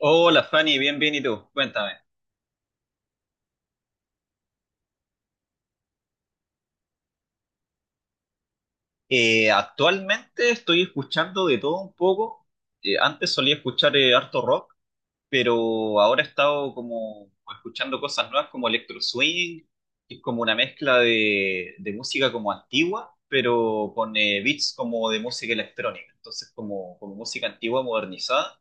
Hola Fanny, bien, bien, ¿y tú? Cuéntame. Actualmente estoy escuchando de todo un poco. Antes solía escuchar harto rock, pero ahora he estado como escuchando cosas nuevas como electro swing, que es como una mezcla de música como antigua, pero con beats como de música electrónica. Entonces como, como música antigua modernizada.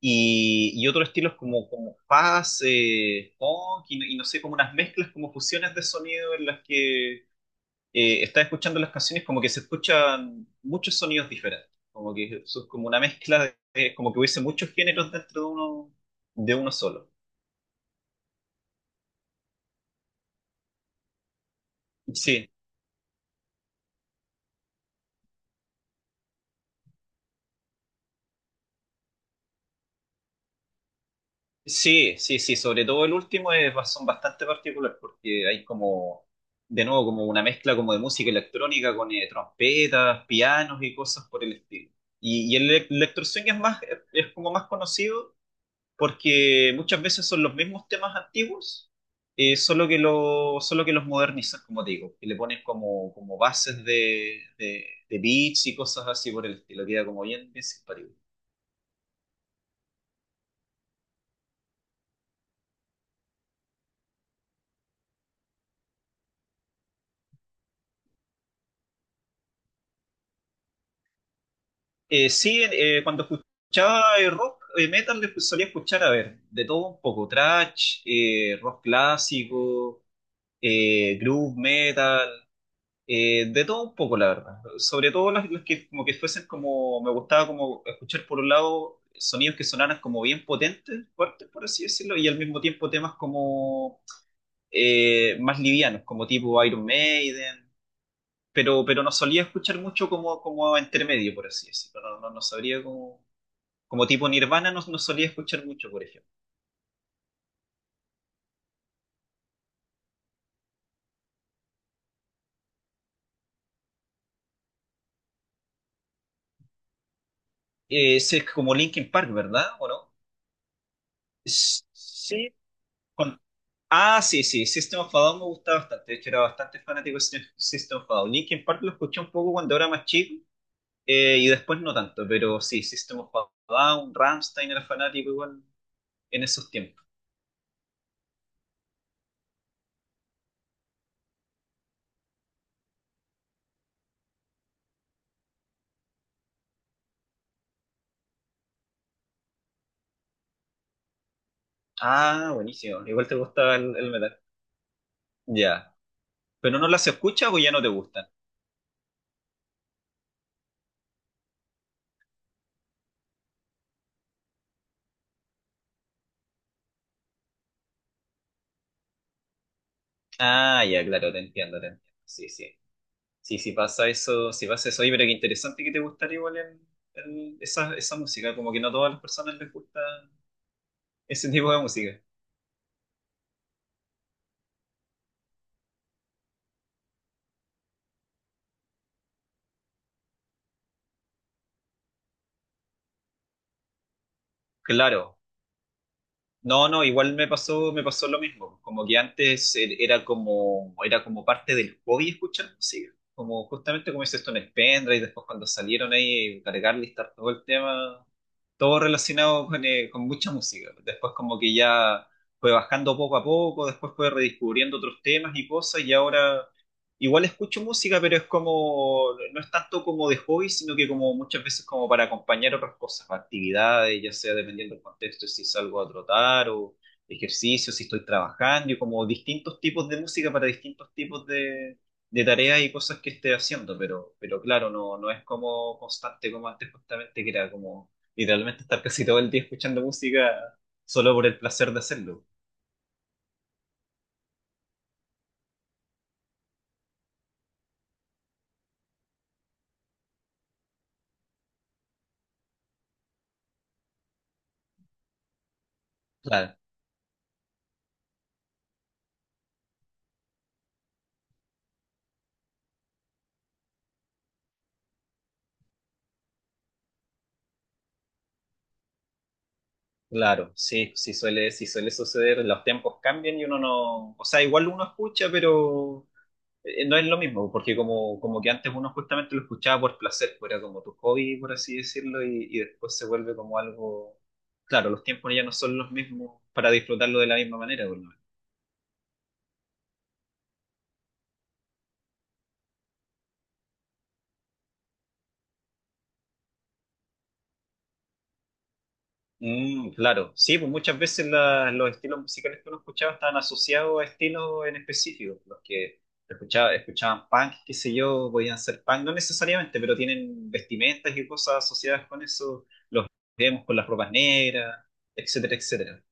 Y otros estilos como, como jazz, funk, y no sé, como unas mezclas, como fusiones de sonido en las que estás escuchando las canciones como que se escuchan muchos sonidos diferentes, como que eso es como una mezcla de, como que hubiese muchos géneros dentro de uno solo. Sí, sí, sí, sí, sobre todo el último es, son bastante particulares porque hay como, de nuevo, como una mezcla como de música electrónica con trompetas, pianos y cosas por el estilo. Y el electroswing es más, es como más conocido porque muchas veces son los mismos temas antiguos, solo que lo, solo que los modernizan, como te digo, y le ponen como, como bases de beats y cosas así por el estilo, queda como bien, bien simpático. Sí, cuando escuchaba rock, metal, solía escuchar, a ver, de todo un poco, thrash, rock clásico, groove metal. De todo un poco, la verdad. Sobre todo las que como que fuesen como, me gustaba como escuchar por un lado sonidos que sonaran como bien potentes, fuertes, por así decirlo, y al mismo tiempo temas como más livianos, como tipo Iron Maiden, pero no solía escuchar mucho como, como entre medio, por así decirlo. No, no, no sabría como, como tipo Nirvana, no, no solía escuchar mucho, por ejemplo. Ese es como Linkin Park, ¿verdad? ¿O no? Sí, ah, sí, sí, System of a Down me gustaba bastante. De hecho, era bastante fanático de System of a Down. Linkin Park lo escuché un poco cuando era más chico y después no tanto, pero sí, System of a Down, Rammstein era fanático igual en esos tiempos. Ah, buenísimo. Igual te gustaba el metal. Ya. ¿Pero no las escuchas o ya no te gustan? Ah, ya, claro, te entiendo, te entiendo. Sí, sí. Sí, sí pasa eso, sí pasa eso. Oye, pero qué interesante que te gustara igual esa, esa música. Como que no a todas las personas les gusta ese tipo de música. Claro. No, no, igual me pasó lo mismo. Como que antes era como parte del hobby escuchar música. Como justamente como dices tú en el pendrive, y después cuando salieron ahí, cargar, listar todo el tema, todo relacionado con mucha música. Después como que ya fue bajando poco a poco, después fue redescubriendo otros temas y cosas, y ahora igual escucho música, pero es como, no es tanto como de hobby, sino que como muchas veces como para acompañar otras cosas, actividades, ya sea dependiendo del contexto, si salgo a trotar o ejercicio, si estoy trabajando, y como distintos tipos de música para distintos tipos de tareas y cosas que esté haciendo, pero claro, no, no es como constante como antes justamente, que era como literalmente estar casi todo el día escuchando música solo por el placer de hacerlo. Claro, sí, sí suele suceder, los tiempos cambian y uno no, o sea, igual uno escucha, pero no es lo mismo, porque como, como que antes uno justamente lo escuchaba por placer, pues era como tu hobby, por así decirlo, y después se vuelve como algo, claro, los tiempos ya no son los mismos para disfrutarlo de la misma manera, pues. Mm, claro, sí, pues muchas veces los estilos musicales que uno escuchaba estaban asociados a estilos en específico. Los que escuchaba, escuchaban punk, qué sé yo, podían ser punk, no necesariamente, pero tienen vestimentas y cosas asociadas con eso. Los vemos con las ropas negras, etcétera, etcétera.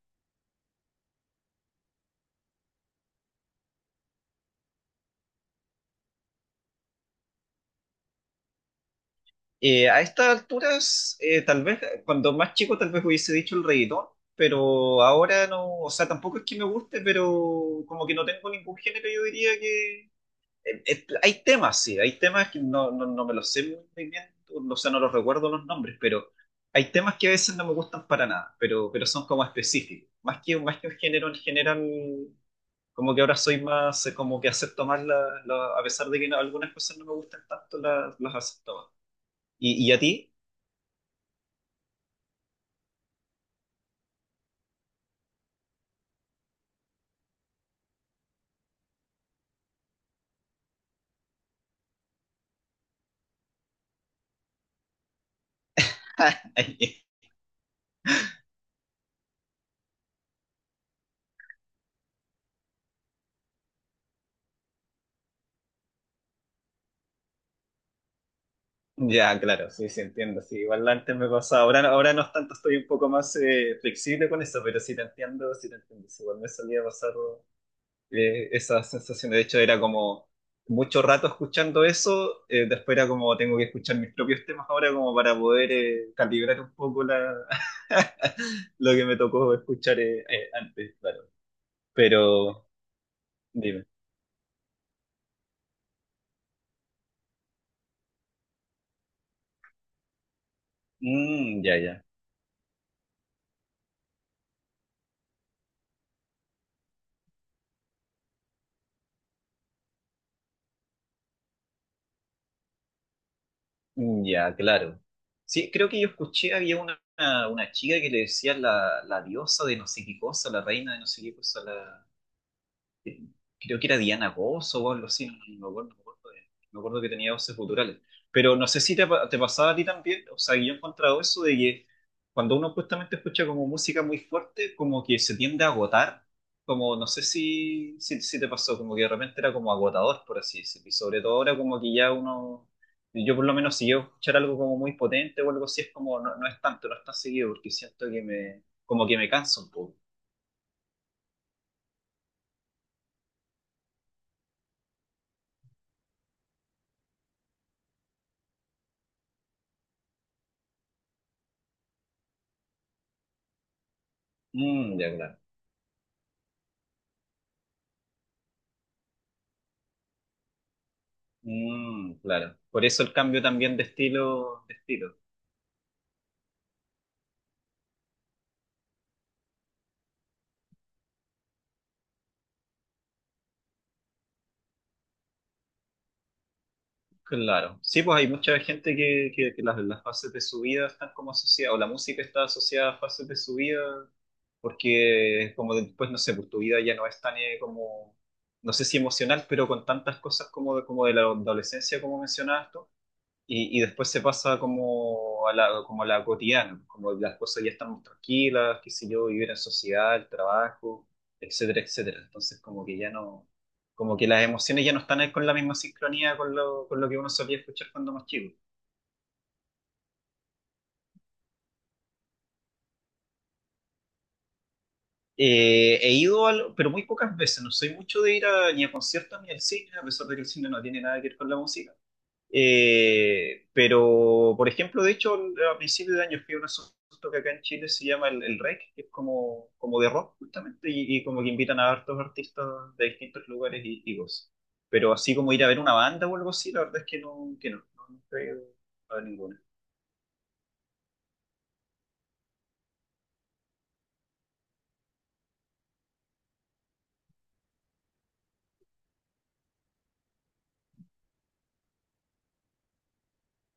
A estas alturas, tal vez cuando más chico, tal vez hubiese dicho el reggaetón, pero ahora no, o sea, tampoco es que me guste, pero como que no tengo ningún género, yo diría, hay temas, sí, hay temas que no, no, no me los sé muy bien, o sea, no los recuerdo los nombres, pero hay temas que a veces no me gustan para nada, pero son como específicos. Más que un género en general, como que ahora soy más, como que acepto más, la, a pesar de que algunas cosas no me gustan tanto, las acepto más. Y a ti? Ya, claro, sí, sí, entiendo. Sí, igual antes me pasaba. Ahora, ahora no es tanto, estoy un poco más flexible con eso, pero sí te entiendo, sí te entiendo. Sí, igual me solía pasar esa sensación. De hecho, era como mucho rato escuchando eso, después era como tengo que escuchar mis propios temas ahora como para poder calibrar un poco la, lo que me tocó escuchar antes, claro. Pero dime. Mm, ya, ya. Mm, ya, claro. Sí, creo que yo escuché, había una chica que le decía la, la diosa de no sé qué cosa, la reina de no sé qué cosa, la... eh, creo que era Diana Goss o algo así, no, no me acuerdo, no me acuerdo, no me acuerdo que tenía voces guturales. Pero no sé si te, te pasaba a ti también, o sea, que yo he encontrado eso de que cuando uno justamente escucha como música muy fuerte, como que se tiende a agotar, como no sé si te pasó, como que de repente era como agotador, por así decirlo, y sobre todo ahora como que ya uno... Yo por lo menos si yo escuchar algo como muy potente o algo así es como no, no es tanto, no es tan seguido porque siento que me como que me canso un poco. Mm, ya claro. Mm, claro. Por eso el cambio también de estilo, de estilo. Claro. Sí, pues hay mucha gente que las fases de su vida están como asociadas, o la música está asociada a fases de su vida, porque como después, no sé, pues tu vida ya no es tan como, no sé si emocional, pero con tantas cosas como de la adolescencia, como mencionabas tú. Y después se pasa como a la cotidiana, como las cosas ya están más tranquilas, qué sé yo, vivir en sociedad, el trabajo, etcétera, etcétera. Entonces como que ya no, como que las emociones ya no están ahí con la misma sincronía con lo que uno solía escuchar cuando más chico. He ido, pero muy pocas veces, no soy mucho de ir ni a conciertos ni al cine, a pesar de que el cine no tiene nada que ver con la música. Pero, por ejemplo, de hecho, a principios de año fui a un asunto que acá en Chile se llama el REC, que es como, como de rock, justamente, y como que invitan a hartos artistas de distintos lugares y cosas. Pero así como ir a ver una banda o algo así, la verdad es que no, no, no he ido a ver ninguna.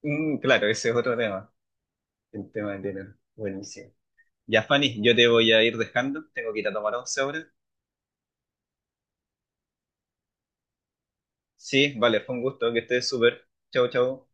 Mm, claro, ese es otro tema, el tema del dinero. Buenísimo. Ya, Fanny, yo te voy a ir dejando, tengo que ir a tomar once ahora. Sí, vale, fue un gusto, que estés súper. Chau, chau.